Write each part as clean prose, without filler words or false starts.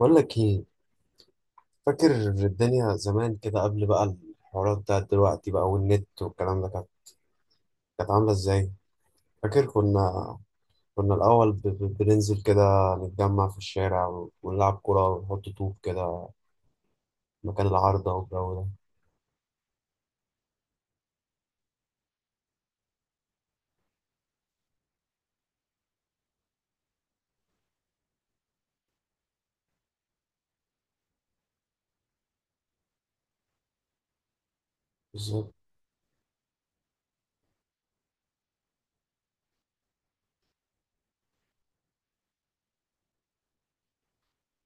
بقول لك ايه؟ فاكر الدنيا زمان كده قبل بقى الحوارات بتاعت دلوقتي بقى والنت والكلام ده كانت عامله ازاي؟ فاكر كنا الاول بننزل كده، نتجمع في الشارع ونلعب كوره ونحط طوب كده مكان العارضه والجو ده. بالظبط.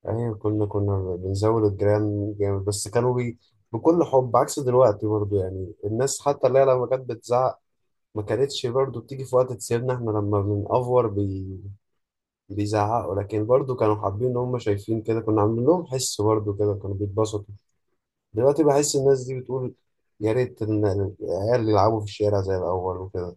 ايوه كنا بنزود الجيران جامد بس كانوا بكل حب، عكس دلوقتي برضو. يعني الناس حتى اللي هي لما كانت بتزعق ما كانتش برضو بتيجي في وقت تسيبنا احنا لما بنأفور. بيزعقوا لكن برضو كانوا حابين ان هم شايفين كده كنا عاملين لهم حس، برضو كده كانوا بيتبسطوا. دلوقتي بحس الناس دي بتقول يا ريت ان العيال يلعبوا في الشارع زي الاول وكده.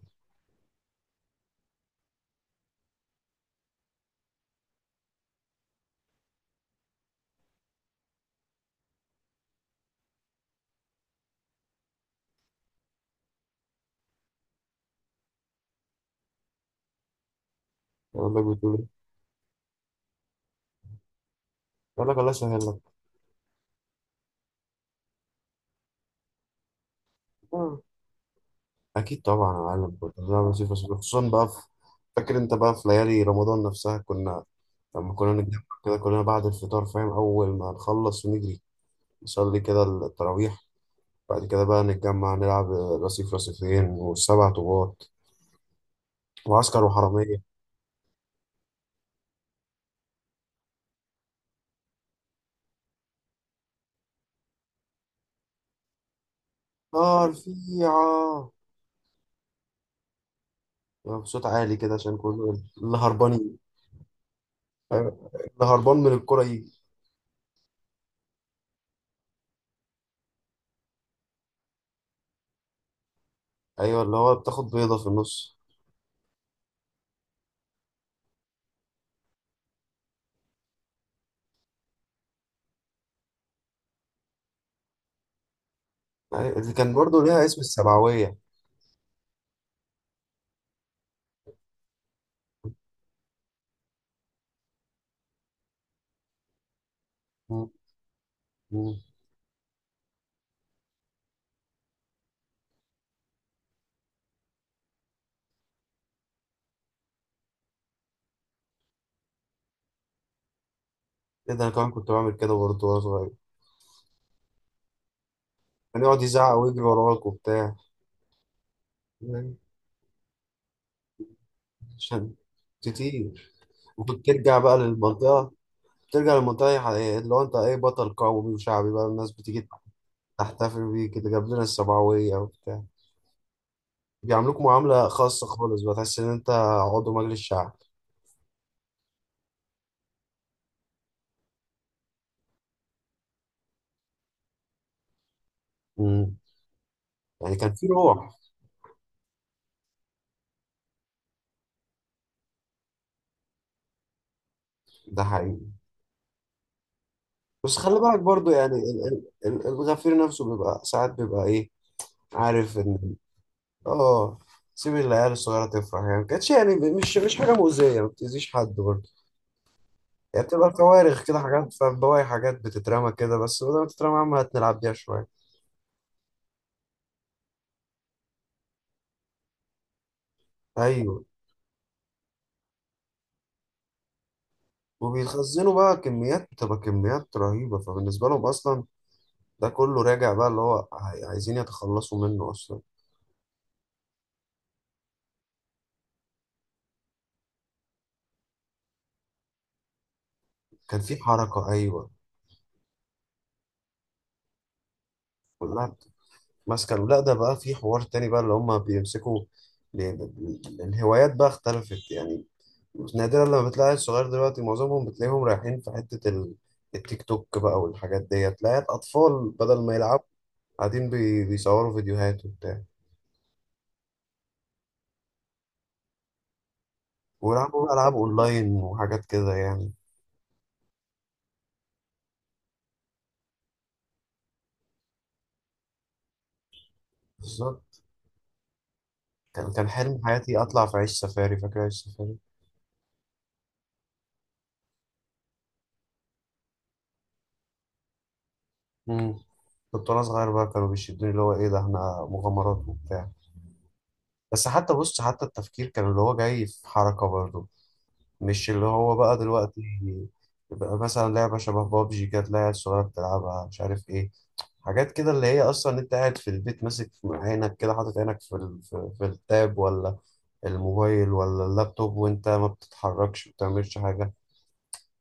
يقول لك بتقول إيه؟ يقول لك الله يسهل لك. آه. اكيد طبعا يا معلم، كنت بنعمل وظيفه صعبة. خصوصا بقى في، فاكر انت بقى في ليالي رمضان نفسها، كنا لما كنا نتجمع كده كلنا بعد الفطار، فاهم، اول ما نخلص ونجري نصلي كده التراويح، بعد كده بقى نتجمع نلعب رصيف رصيفين والسبع طوبات وعسكر وحرامية. نار فيها، يبقى بصوت عالي كده عشان كله اللي هربان أيوة، اللي هربان من الكرة يجي. ايوه اللي هو بتاخد بيضة في النص. أيوة، اللي كان برضه ليها اسم السبعوية. مم. مم. ايه ده، انا كمان كنت بعمل كده برضه وانا صغير. كان يقعد يزعق ويجري وراك وبتاع. أيوة، عشان كتير. وكنت ترجع بقى للمنطقة، ترجع للمنطقة اللي هو انت ايه، بطل قومي وشعبي بقى، الناس بتيجي تحتفل بيه كده جاب لنا السبعوية وبتاع، بيعاملوك معاملة خاصة خالص، بتحس إن أنت عضو مجلس شعب. مم. يعني كان في روح. ده حقيقي. بس خلي بالك برضو، يعني الغفير نفسه بيبقى ساعات بيبقى إيه، عارف إن، آه، سيب العيال الصغيرة تفرح. يعني ما كانتش يعني مش حاجة مؤذية، ما بتأذيش حد برضه. يعني بتبقى كوارخ كده حاجات، فاهم، بواقي حاجات بتترمى كده، بس بدل ما تترمى يا عم هتلعب بيها شوية. أيوه. وبيتخزنوا بقى كميات، بتبقى كميات رهيبة، فبالنسبة لهم أصلا ده كله راجع بقى، اللي هو عايزين يتخلصوا منه اصلا. كان في حركة، ايوه. كلها ماسكة له. لا ده بقى في حوار تاني بقى اللي هم بيمسكوا، الهوايات بقى اختلفت يعني. نادرا لما بتلاقي الصغير دلوقتي، معظمهم بتلاقيهم رايحين في حتة التيك توك بقى والحاجات ديت. تلاقي اطفال بدل ما يلعبوا قاعدين بيصوروا فيديوهات وبتاع، ويلعبوا بقى العاب اونلاين وحاجات كده يعني. بالظبط. كان كان حلم حياتي اطلع في عيش سفاري، فاكر عيش سفاري؟ كنت وانا صغير بقى كانوا بيشدوني، اللي هو ايه ده احنا مغامرات وبتاع. بس حتى بص، حتى التفكير كان اللي هو جاي في حركة برضه، مش اللي هو بقى دلوقتي. يبقى مثلا لعبة شبه بابجي كانت العيال الصغيرة بتلعبها، مش عارف ايه، حاجات كده اللي هي اصلا انت قاعد في البيت ماسك في عينك كده، حاطط عينك في التاب ولا الموبايل ولا اللابتوب، وانت ما بتتحركش، ما بتعملش حاجة.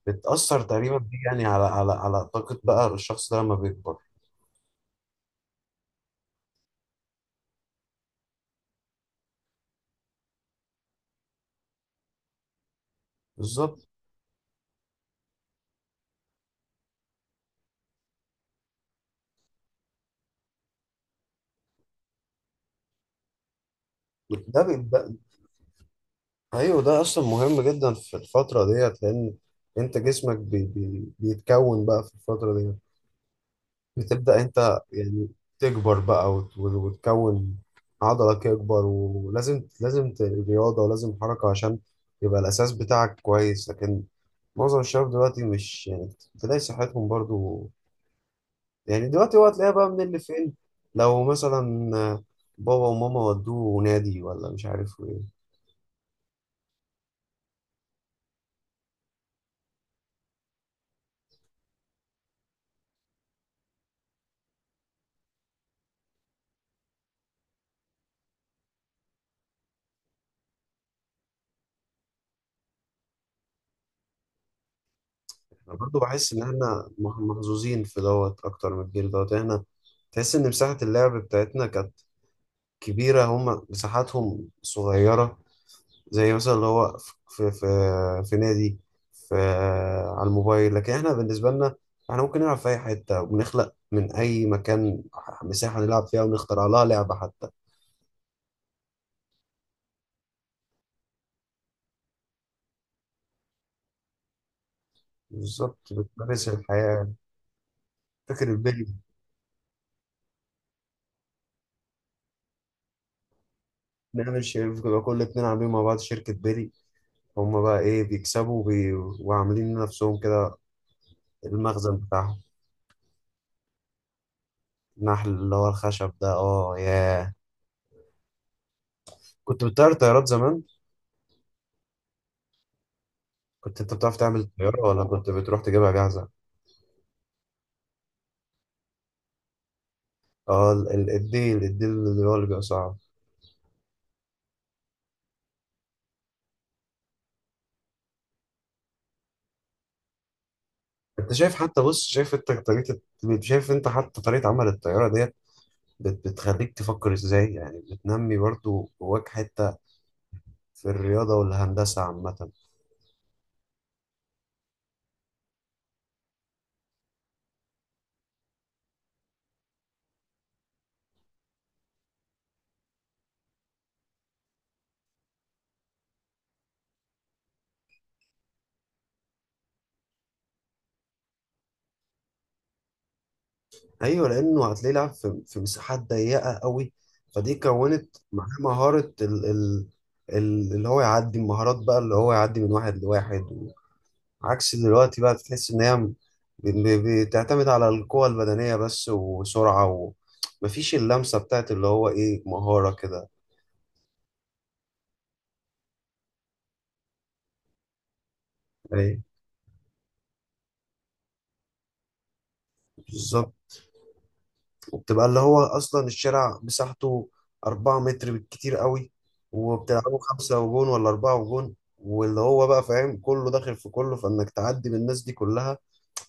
بتأثر تقريبا دي يعني على على طاقة بقى الشخص ده لما بيكبر. بالظبط. ده بيبقى، ايوه ده اصلا مهم جدا في الفتره ديت، لان انت جسمك بي بي بيتكون بقى في الفتره ديت، بتبدا انت يعني تكبر بقى وتكون عضلك يكبر، ولازم رياضه ولازم حركه عشان يبقى الاساس بتاعك كويس. لكن معظم الشباب دلوقتي مش يعني، تلاقي صحتهم برضو، يعني دلوقتي هو هتلاقيها بقى من اللي فين؟ لو مثلا بابا وماما ودوه نادي ولا مش عارف إيه. انا برضو بحس ان احنا محظوظين في دوت اكتر من الجيل دوت. احنا تحس ان مساحة اللعب بتاعتنا كانت كبيرة، هما مساحاتهم صغيرة، زي مثلا اللي هو في نادي، في، آه، على الموبايل. لكن احنا بالنسبة لنا، احنا ممكن نلعب في اي حتة وبنخلق من اي مكان مساحة نلعب فيها ونخترع لها لعبة حتى. بالظبط بتمارس الحياة. فكرة البلي، نعمل شركة كل اتنين عاملين مع بعض شركة بلي، هما بقى ايه بيكسبوا وعاملين لنفسهم المخزن بتاعهم. النحل، اللي هو الخشب ده، اه ياه. كنت بتطير طيارات زمان. كنت انت بتعرف تعمل طيارة ولا كنت بتروح تجيبها جاهزة؟ اه الديل، الديل اللي هو اللي بيبقى صعب. انت شايف حتى، بص، شايف انت حتى طريقة عمل الطيارة ديت بتخليك تفكر ازاي، يعني بتنمي برضو جواك حتة في الرياضة والهندسة عامة. ايوه لانه هتلاقيه لعب في في مساحات ضيقه قوي، فدي كونت معاه مهاره اللي هو يعدي المهارات بقى، اللي هو يعدي من واحد لواحد. عكس دلوقتي بقى بتحس ان هي بتعتمد على القوة البدنية بس وسرعة، ومفيش اللمسة بتاعت اللي هو ايه، مهارة كده. ايه. بالظبط. وبتبقى اللي هو اصلا الشارع مساحته 4 متر بالكتير قوي، وبتلعبوا خمسة وجون ولا أربعة وجون، واللي هو بقى فاهم كله داخل في كله، فإنك تعدي من الناس دي كلها،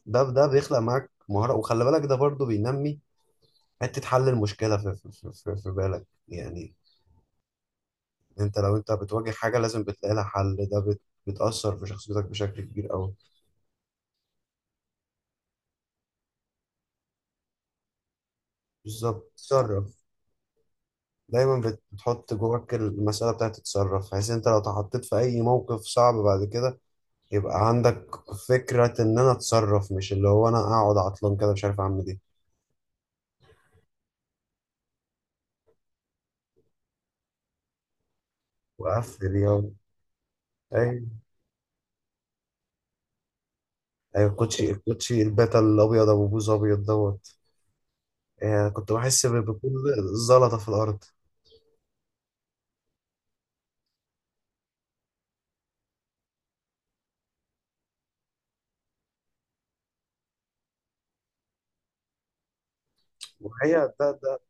ده ده بيخلق معاك مهارة. وخلي بالك ده برضو بينمي حتة حل المشكلة في بالك يعني. أنت لو أنت بتواجه حاجة لازم بتلاقي لها حل، ده بتأثر في شخصيتك بشكل كبير أوي. بالظبط تصرف. دايما بتحط جواك المسألة بتاعت تتصرف، بحيث أنت لو اتحطيت في أي موقف صعب بعد كده يبقى عندك فكرة إن أنا أتصرف، مش اللي هو أنا أقعد عطلان كده مش عارف أعمل إيه. وأقفل يلا. أيوة. أيوة، الكوتشي، الكوتشي الباتا الأبيض أبو بوز أبيض دوت، يعني كنت بحس بكل زلطة في الأرض. وهي ده ده،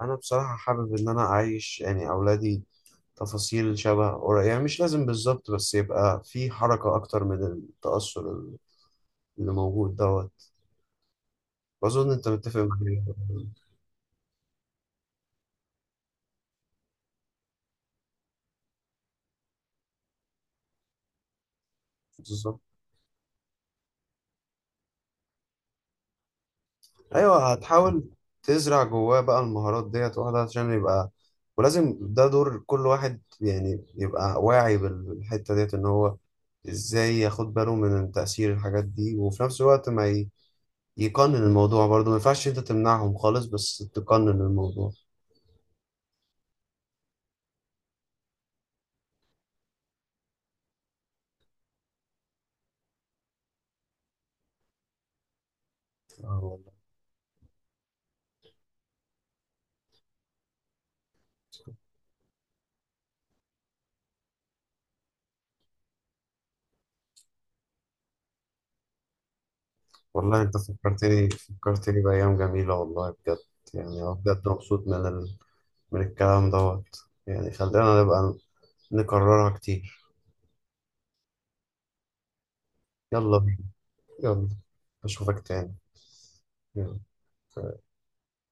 أنا بصراحة حابب إن أنا أعيش يعني أولادي تفاصيل شبه قريب، يعني مش لازم بالظبط، بس يبقى في حركة أكتر من التأثر اللي موجود دوت. بظن أنت متفق معايا. بالظبط. ايوه هتحاول تزرع جواه بقى المهارات ديت واحده عشان يبقى، ولازم ده دور كل واحد يعني يبقى واعي بالحته ديت، ان هو ازاي ياخد باله من تأثير الحاجات دي، وفي نفس الوقت ما ي- يقنن الموضوع برضه، ما ينفعش انت تمنعهم خالص بس تقنن الموضوع. آه والله. والله انت فكرتني بأيام جميلة والله بجد. يعني أنا بجد مبسوط من الكلام دوت. يعني خلينا نبقى نكررها كتير. يلا بينا. يلا. أشوفك تاني. مم.